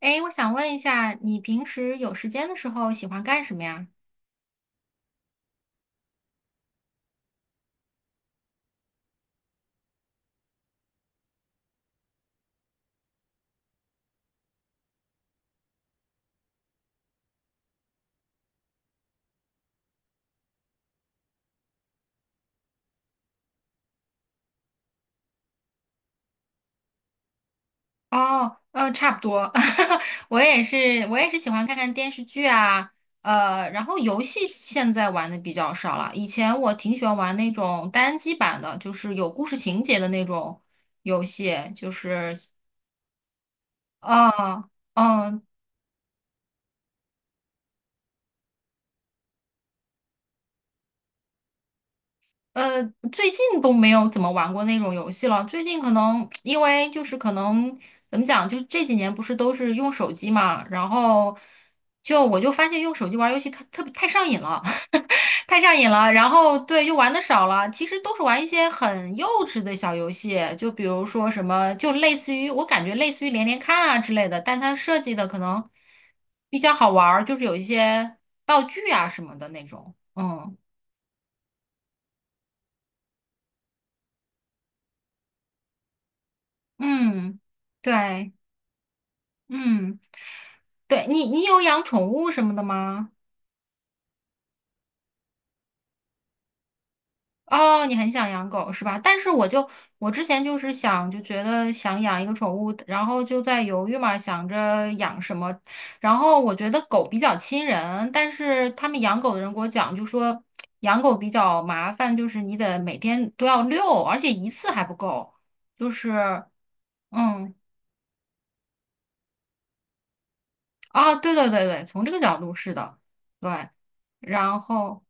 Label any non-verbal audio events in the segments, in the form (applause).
哎，我想问一下，你平时有时间的时候喜欢干什么呀？哦，差不多，(laughs) 我也是喜欢看看电视剧啊。然后游戏现在玩的比较少了。以前我挺喜欢玩那种单机版的，就是有故事情节的那种游戏，就是。哦，嗯，呃，最近都没有怎么玩过那种游戏了。最近可能 (tsk) 因为就是可能怎么讲，就是这几年不是都是用手机嘛，然后我就发现用手机玩游戏它特别太上瘾了。(laughs) 太上瘾了。然后对，就玩的少了。其实都是玩一些很幼稚的小游戏，就比如说什么，就类似于我感觉类似于连连看啊之类的，但它设计的可能比较好玩儿，就是有一些道具啊什么的那种。嗯嗯，对。嗯，对你有养宠物什么的吗？哦，你很想养狗是吧？但是我之前就是想，就觉得想养一个宠物，然后就在犹豫嘛，想着养什么。然后我觉得狗比较亲人，但是他们养狗的人给我讲，就说养狗比较麻烦，就是你得每天都要遛，而且一次还不够。就是嗯，啊，对对对对，从这个角度是的，对，然后。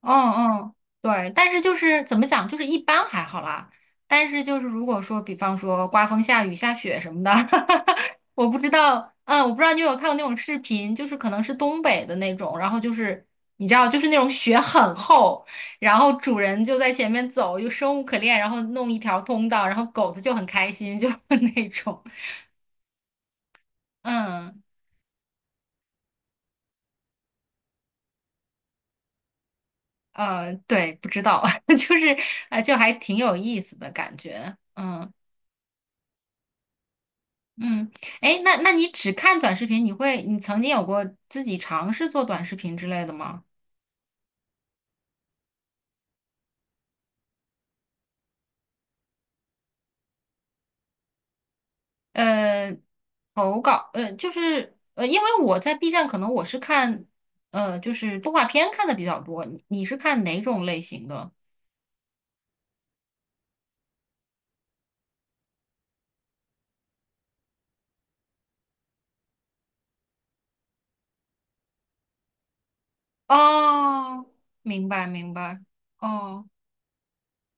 嗯嗯，对，但是就是怎么讲，就是一般还好啦。但是就是如果说，比方说刮风下雨下雪什么的，(laughs) 我不知道你有没有看过那种视频，就是可能是东北的那种，然后就是你知道，就是那种雪很厚，然后主人就在前面走，就生无可恋，然后弄一条通道，然后狗子就很开心，就 (laughs) 那种。嗯嗯，对，不知道，(laughs) 就是啊，就还挺有意思的感觉，嗯。嗯，哎，那你只看短视频，你曾经有过自己尝试做短视频之类的吗？呃，投稿，就是因为我在 B 站，可能我是看，就是动画片看的比较多。你是看哪种类型的？哦，明白明白，哦。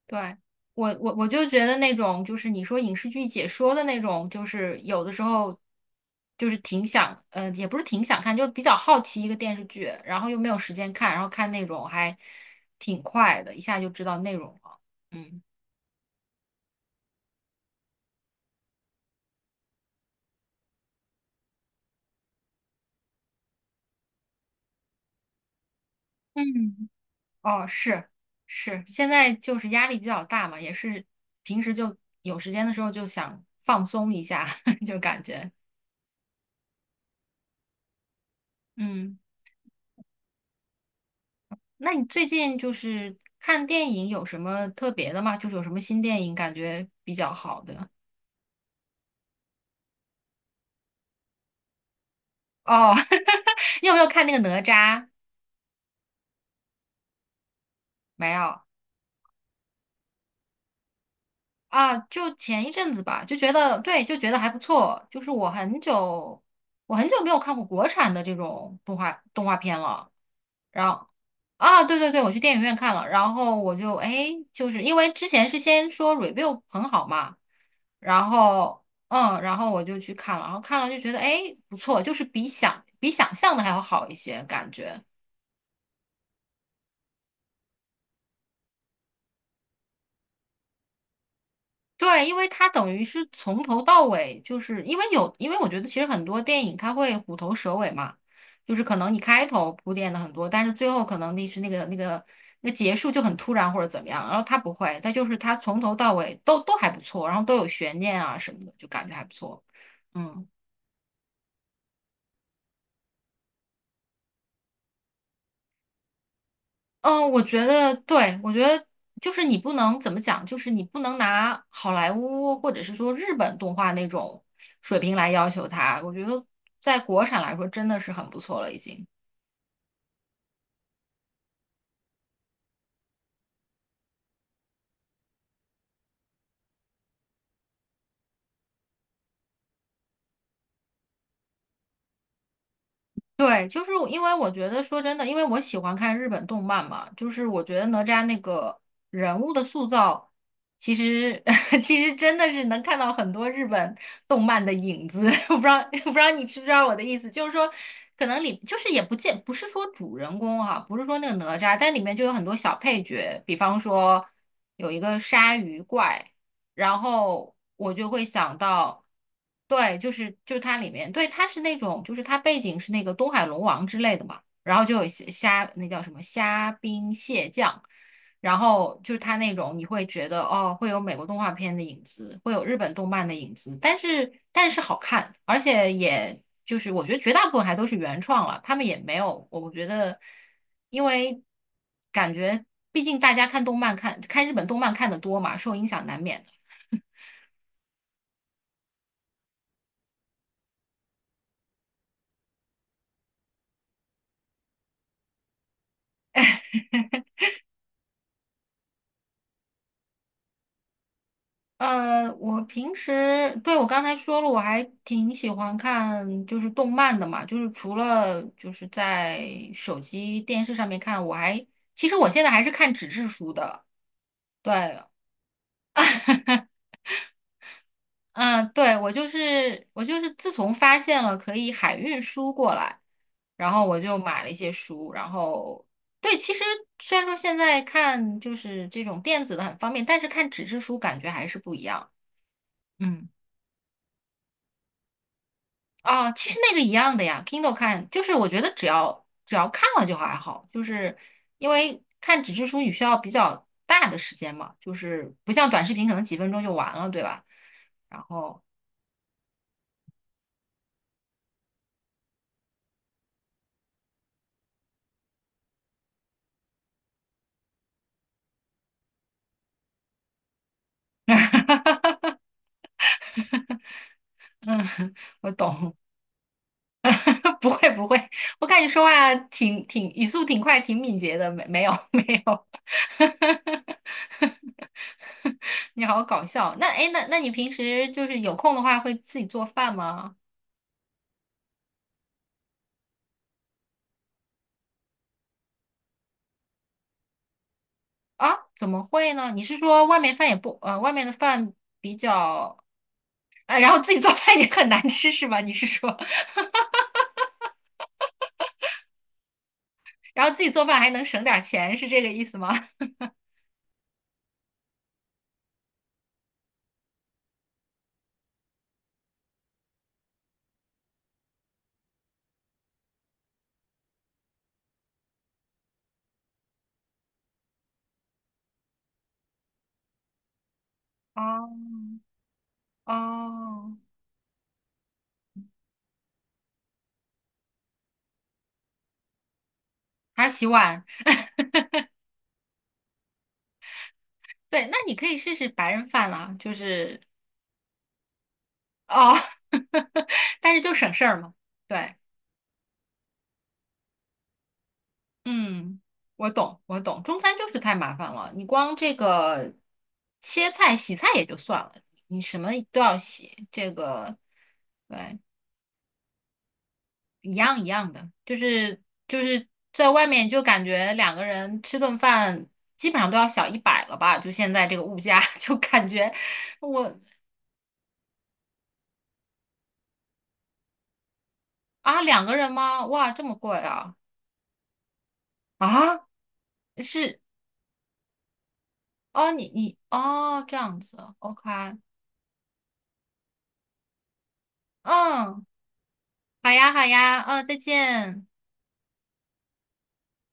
对，我就觉得那种就是你说影视剧解说的那种，就是有的时候就是挺想，也不是挺想看，就是比较好奇一个电视剧，然后又没有时间看，然后看那种还挺快的，一下就知道内容了。嗯嗯，哦，是是，现在就是压力比较大嘛，也是平时就有时间的时候就想放松一下，(laughs) 就感觉嗯。那你最近就是看电影有什么特别的吗？就是有什么新电影感觉比较好的？哦，(laughs) 你有没有看那个哪吒？没有。啊，就前一阵子吧，就觉得对，就觉得还不错。我很久没有看过国产的这种动画片了。然后啊，对对对，我去电影院看了，然后我就哎，就是因为之前是先说 review 很好嘛，然后然后我就去看了，然后看了就觉得哎不错，就是比想象的还要好一些感觉。对，因为它等于是从头到尾，就是因为我觉得其实很多电影它会虎头蛇尾嘛，就是可能你开头铺垫的很多，但是最后可能那个那结束就很突然或者怎么样，然后它不会，它就是它从头到尾都还不错，然后都有悬念啊什么的，就感觉还不错。嗯。嗯，我觉得对，我觉得就是你不能怎么讲，就是你不能拿好莱坞或者是说日本动画那种水平来要求它。我觉得在国产来说，真的是很不错了，已经。对，就是因为我觉得说真的，因为我喜欢看日本动漫嘛，就是我觉得哪吒那个人物的塑造，其实 (laughs) 其实真的是能看到很多日本动漫的影子。(laughs) 我不知道，(laughs) 不知道你知不知道我的意思，就是说，可能里就是也不见不是说主人公哈、不是说那个哪吒，但里面就有很多小配角，比方说有一个鲨鱼怪。然后我就会想到，对，就是它里面，对，它是那种，就是它背景是那个东海龙王之类的嘛，然后就有那叫什么虾兵蟹将，然后就是它那种你会觉得哦，会有美国动画片的影子，会有日本动漫的影子，但是好看，而且也就是我觉得绝大部分还都是原创了，他们也没有，我觉得因为感觉毕竟大家看动漫看看日本动漫看的多嘛，受影响难免的。我平时，对，我刚才说了，我还挺喜欢看就是动漫的嘛，就是除了就是在手机电视上面看，其实我现在还是看纸质书的，对。(laughs) 嗯，对，我就是自从发现了可以海运书过来，然后我就买了一些书，然后对，其实虽然说现在看就是这种电子的很方便，但是看纸质书感觉还是不一样。嗯。啊，其实那个一样的呀，Kindle 看就是我觉得只要看了就还好，就是因为看纸质书你需要比较大的时间嘛，就是不像短视频可能几分钟就完了，对吧？然后，(laughs) 嗯，我懂，(laughs) 不会不会，我看你说话挺语速挺快，挺敏捷的，没有 (laughs) 没有，(laughs) 你好搞笑。那哎，诶那你平时就是有空的话会自己做饭吗？啊，怎么会呢？你是说外面饭也不，外面的饭比较，然后自己做饭也很难吃是吧？你是说，(laughs) 然后自己做饭还能省点儿钱，是这个意思吗？(laughs) 哦哦，还要洗碗，对，那你可以试试白人饭啦，就是哦，(laughs) 但是就省事儿嘛。对，嗯，我懂，我懂，中餐就是太麻烦了，你光这个切菜、洗菜也就算了，你什么都要洗，这个对。一样一样的，就是在外面就感觉两个人吃顿饭基本上都要小100了吧，就现在这个物价，(laughs) 就感觉我啊两个人吗？哇，这么贵啊啊是哦你哦这样子，OK,嗯，好呀好呀，嗯，再见。